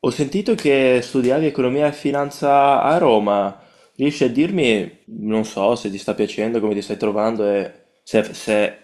Ho sentito che studiavi economia e finanza a Roma. Riesci a dirmi, non so, se ti sta piacendo, come ti stai trovando e se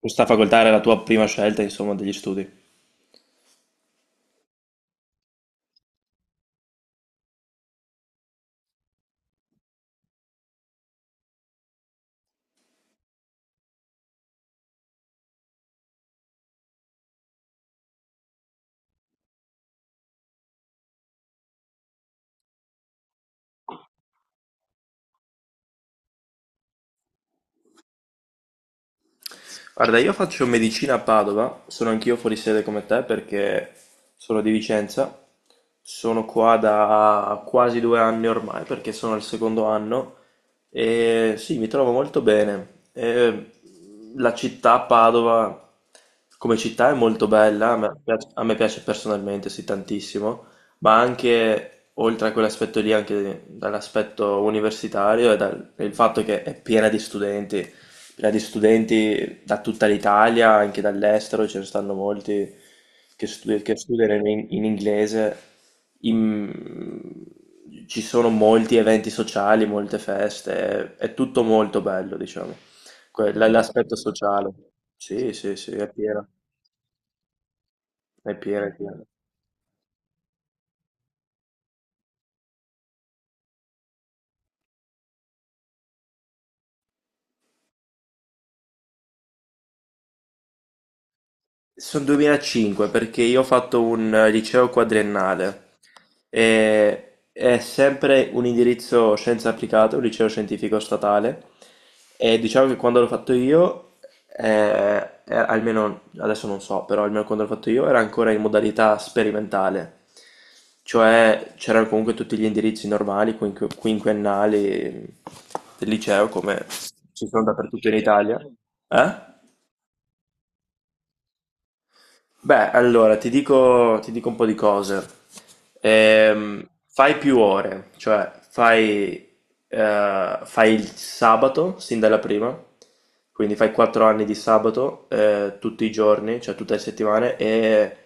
questa facoltà era la tua prima scelta, insomma, degli studi? Guarda, io faccio medicina a Padova, sono anch'io fuori sede come te perché sono di Vicenza, sono qua da quasi due anni ormai perché sono al secondo anno e sì, mi trovo molto bene. E la città Padova come città è molto bella, a me piace personalmente, sì, tantissimo, ma anche oltre a quell'aspetto lì, anche dall'aspetto universitario e dal il fatto che è piena di studenti. Gradi studenti da tutta l'Italia, anche dall'estero, ce ne stanno molti che studiano in inglese. In- Ci sono molti eventi sociali, molte feste, è tutto molto bello, diciamo. L'aspetto sociale. Sì, sì, sì, è pieno, è pieno, è pieno. Sul 2005 perché io ho fatto un liceo quadriennale e è sempre un indirizzo scienze applicate, un liceo scientifico statale e diciamo che quando l'ho fatto io, almeno adesso non so, però almeno quando l'ho fatto io era ancora in modalità sperimentale, cioè c'erano comunque tutti gli indirizzi normali, quinquennali del liceo come ci sono dappertutto in Italia. Eh? Beh, allora ti dico un po' di cose. Fai più ore, cioè fai il sabato sin dalla prima, quindi fai quattro anni di sabato tutti i giorni, cioè tutte le settimane, e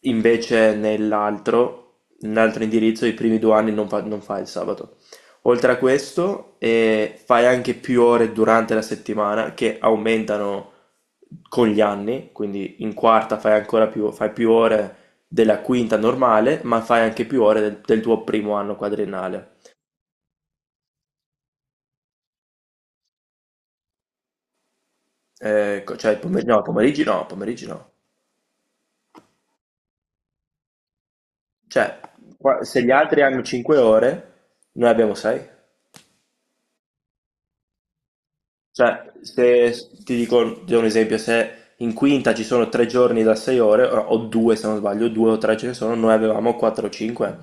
invece nell'altro, nell'altro indirizzo, i primi due anni non fai il sabato. Oltre a questo, fai anche più ore durante la settimana che aumentano con gli anni, quindi in quarta fai più ore della quinta normale, ma fai anche più ore del tuo primo anno quadriennale. Cioè, no, pomeriggi no, pomeriggi no. Cioè, se gli altri hanno 5 ore, noi abbiamo 6. Cioè, se ti dico, ti do un esempio, se in quinta ci sono tre giorni da sei ore, o due se non sbaglio, due o tre ce ne sono, noi avevamo 4 o 5,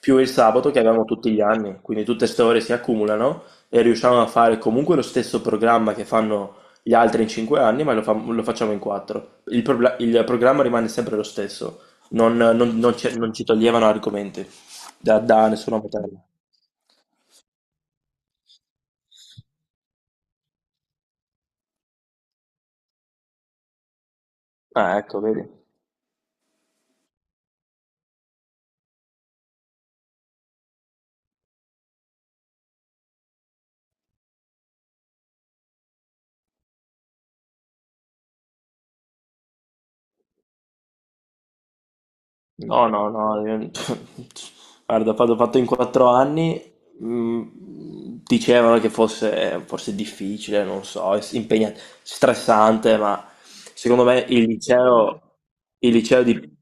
più il sabato che avevamo tutti gli anni, quindi tutte queste ore si accumulano e riusciamo a fare comunque lo stesso programma che fanno gli altri in 5 anni, ma lo facciamo in 4. Il programma rimane sempre lo stesso, non ci toglievano argomenti da nessuna materia. Ah, ecco, vedi. No, no, no, guarda, quando ho fatto in quattro anni, mh, dicevano che fosse difficile, non so, stressante, ma secondo me il liceo, il liceo di-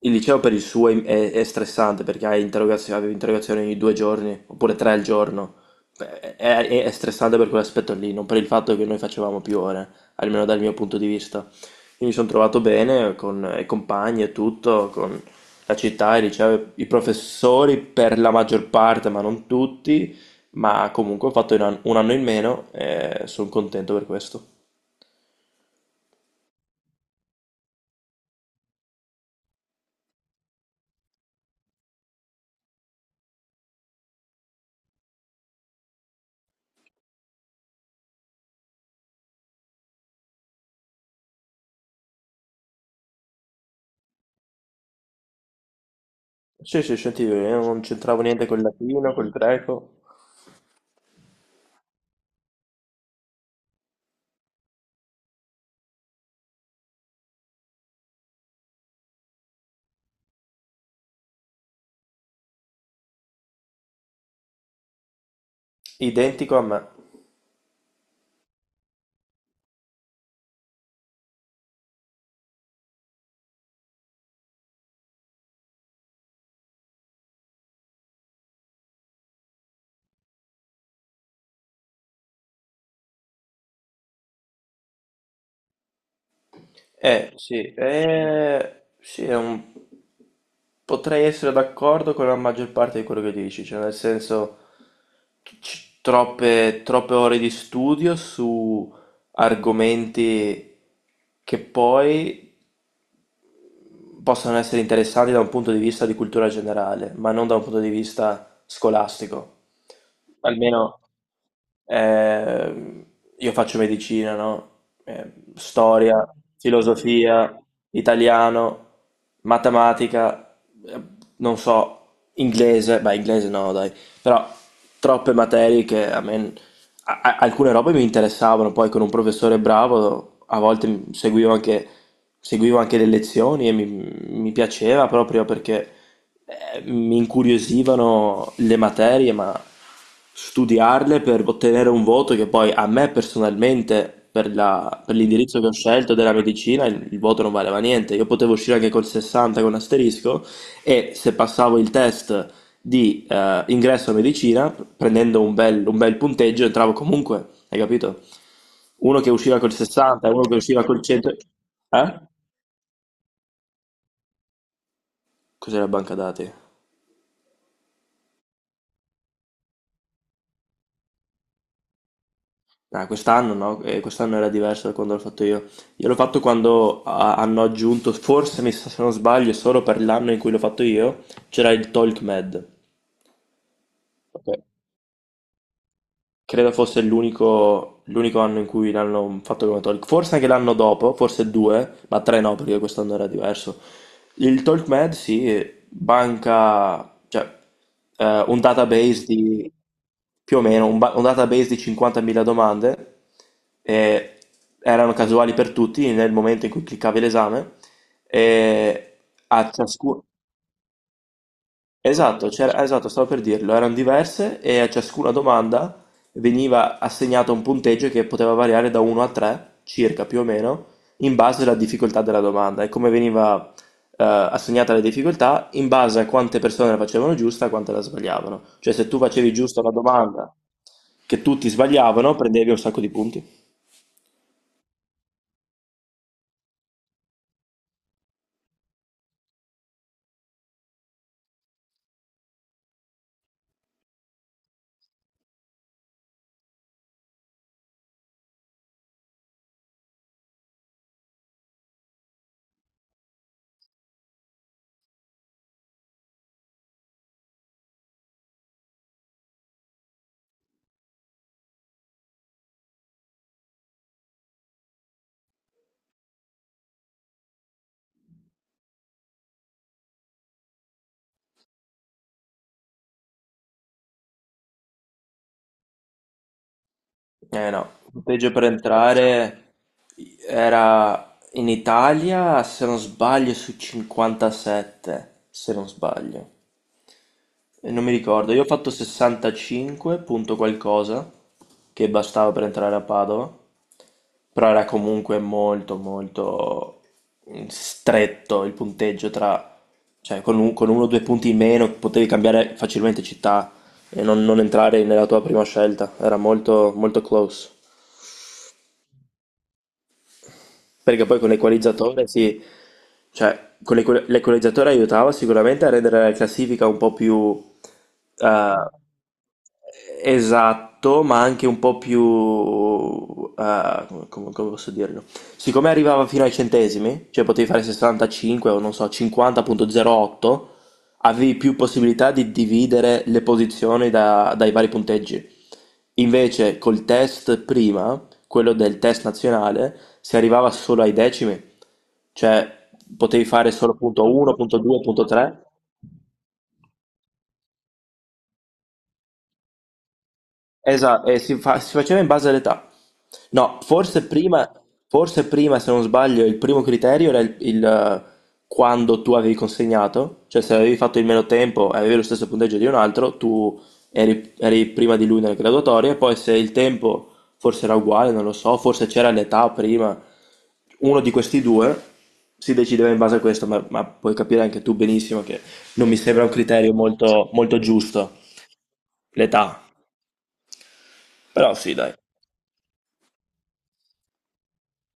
il liceo per il suo è stressante perché hai interrogazioni, avevi interrogazioni ogni due giorni, oppure tre al giorno. Beh, è stressante per quell'aspetto lì, non per il fatto che noi facevamo più ore, almeno dal mio punto di vista. Quindi mi sono trovato bene con i compagni e tutto, con la città, il liceo, i professori per la maggior parte, ma non tutti, ma comunque ho fatto un anno in meno e sono contento per questo. Sì, sì, sentivo, io non c'entravo niente col latino, col greco, identico a me. Eh sì, sì, potrei essere d'accordo con la maggior parte di quello che dici, cioè nel senso troppe ore di studio su argomenti che poi possono essere interessanti da un punto di vista di cultura generale, ma non da un punto di vista scolastico, almeno Ehm, io faccio medicina, no? Storia, filosofia, italiano, matematica, eh, non so, inglese, beh, inglese no, dai, però troppe materie che a me, alcune robe mi interessavano, poi con un professore bravo a volte seguivo anche le lezioni e mi piaceva proprio perché mi incuriosivano le materie, ma studiarle per ottenere un voto che poi a me personalmente per l'indirizzo che ho scelto della medicina il voto non valeva niente, io potevo uscire anche col 60 con asterisco e se passavo il test di ingresso a medicina, prendendo un bel punteggio, entravo comunque, hai capito? Uno che usciva col 60, uno che usciva col 100. Eh? Cos'era banca dati? Ah, quest'anno no, eh, quest'anno era diverso da quando l'ho fatto io. Io l'ho fatto quando ah, hanno aggiunto, forse mi sa se non sbaglio, solo per l'anno in cui l'ho fatto io, c'era il TalkMed. Ok. Credo fosse l'unico anno in cui l'hanno fatto come talk. Forse anche l'anno dopo, forse due, ma tre no, perché quest'anno era diverso. Il TalkMed si banca, cioè, un database di più o meno un database di 50.000 domande e erano casuali per tutti nel momento in cui cliccavi l'esame e a ciascuno. Esatto, esatto, stavo per dirlo, erano diverse e a ciascuna domanda veniva assegnato un punteggio che poteva variare da 1 a 3, circa più o meno, in base alla difficoltà della domanda e come veniva assegnata la difficoltà in base a quante persone la facevano giusta e quante la sbagliavano. Cioè se tu facevi giusta una domanda che tutti sbagliavano, prendevi un sacco di punti. Eh no, il punteggio per entrare era in Italia, se non sbaglio, su 57, se non sbaglio. E non mi ricordo, io ho fatto 65 punto qualcosa, che bastava per entrare a Padova, però era comunque molto molto stretto il punteggio tra, cioè con uno o due punti in meno potevi cambiare facilmente città e non entrare nella tua prima scelta, era molto molto close. Perché poi con l'equalizzatore sì, cioè con l'equalizzatore aiutava sicuramente a rendere la classifica un po' più eh, esatto, ma anche un po' più... come posso dirlo? Siccome arrivava fino ai centesimi, cioè potevi fare 65 o non so, 50,08, avevi più possibilità di dividere le posizioni dai vari punteggi. Invece col test prima, quello del test nazionale, si arrivava solo ai decimi, cioè potevi fare solo punto 1, punto 2, punto 3. Esatto, e si faceva in base all'età. No, forse prima, se non sbaglio, il primo criterio era il quando tu avevi consegnato, cioè se avevi fatto il meno tempo e avevi lo stesso punteggio di un altro, tu eri prima di lui nelle graduatorie, poi se il tempo forse era uguale, non lo so, forse c'era l'età prima, uno di questi due si decideva in base a questo, ma puoi capire anche tu benissimo che non mi sembra un criterio molto molto giuetà. L'età, però sì, dai.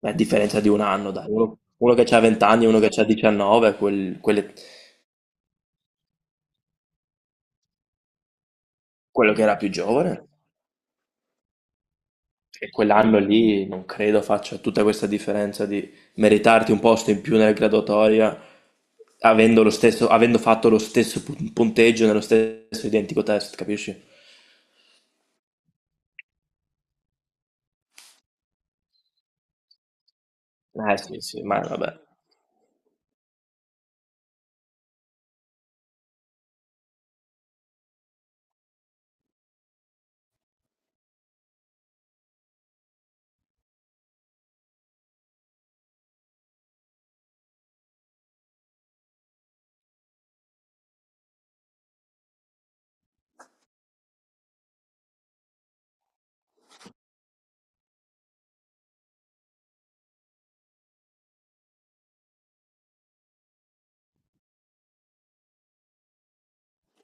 Beh, differenza di un anno, dai. Uno, uno che ha 20 anni e uno che ha 19, quello che era più giovane, e quell'anno lì non credo faccia tutta questa differenza di meritarti un posto in più nella graduatoria avendo, lo stesso, avendo fatto lo stesso punteggio nello stesso identico test, capisci? Eh sì, sì, ma vabbè.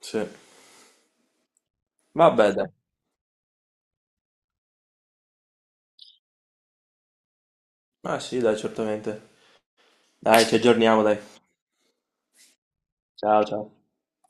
Sì. Vabbè, dai. Ah sì, dai, certamente. Dai, ci aggiorniamo, dai. Ciao, ciao.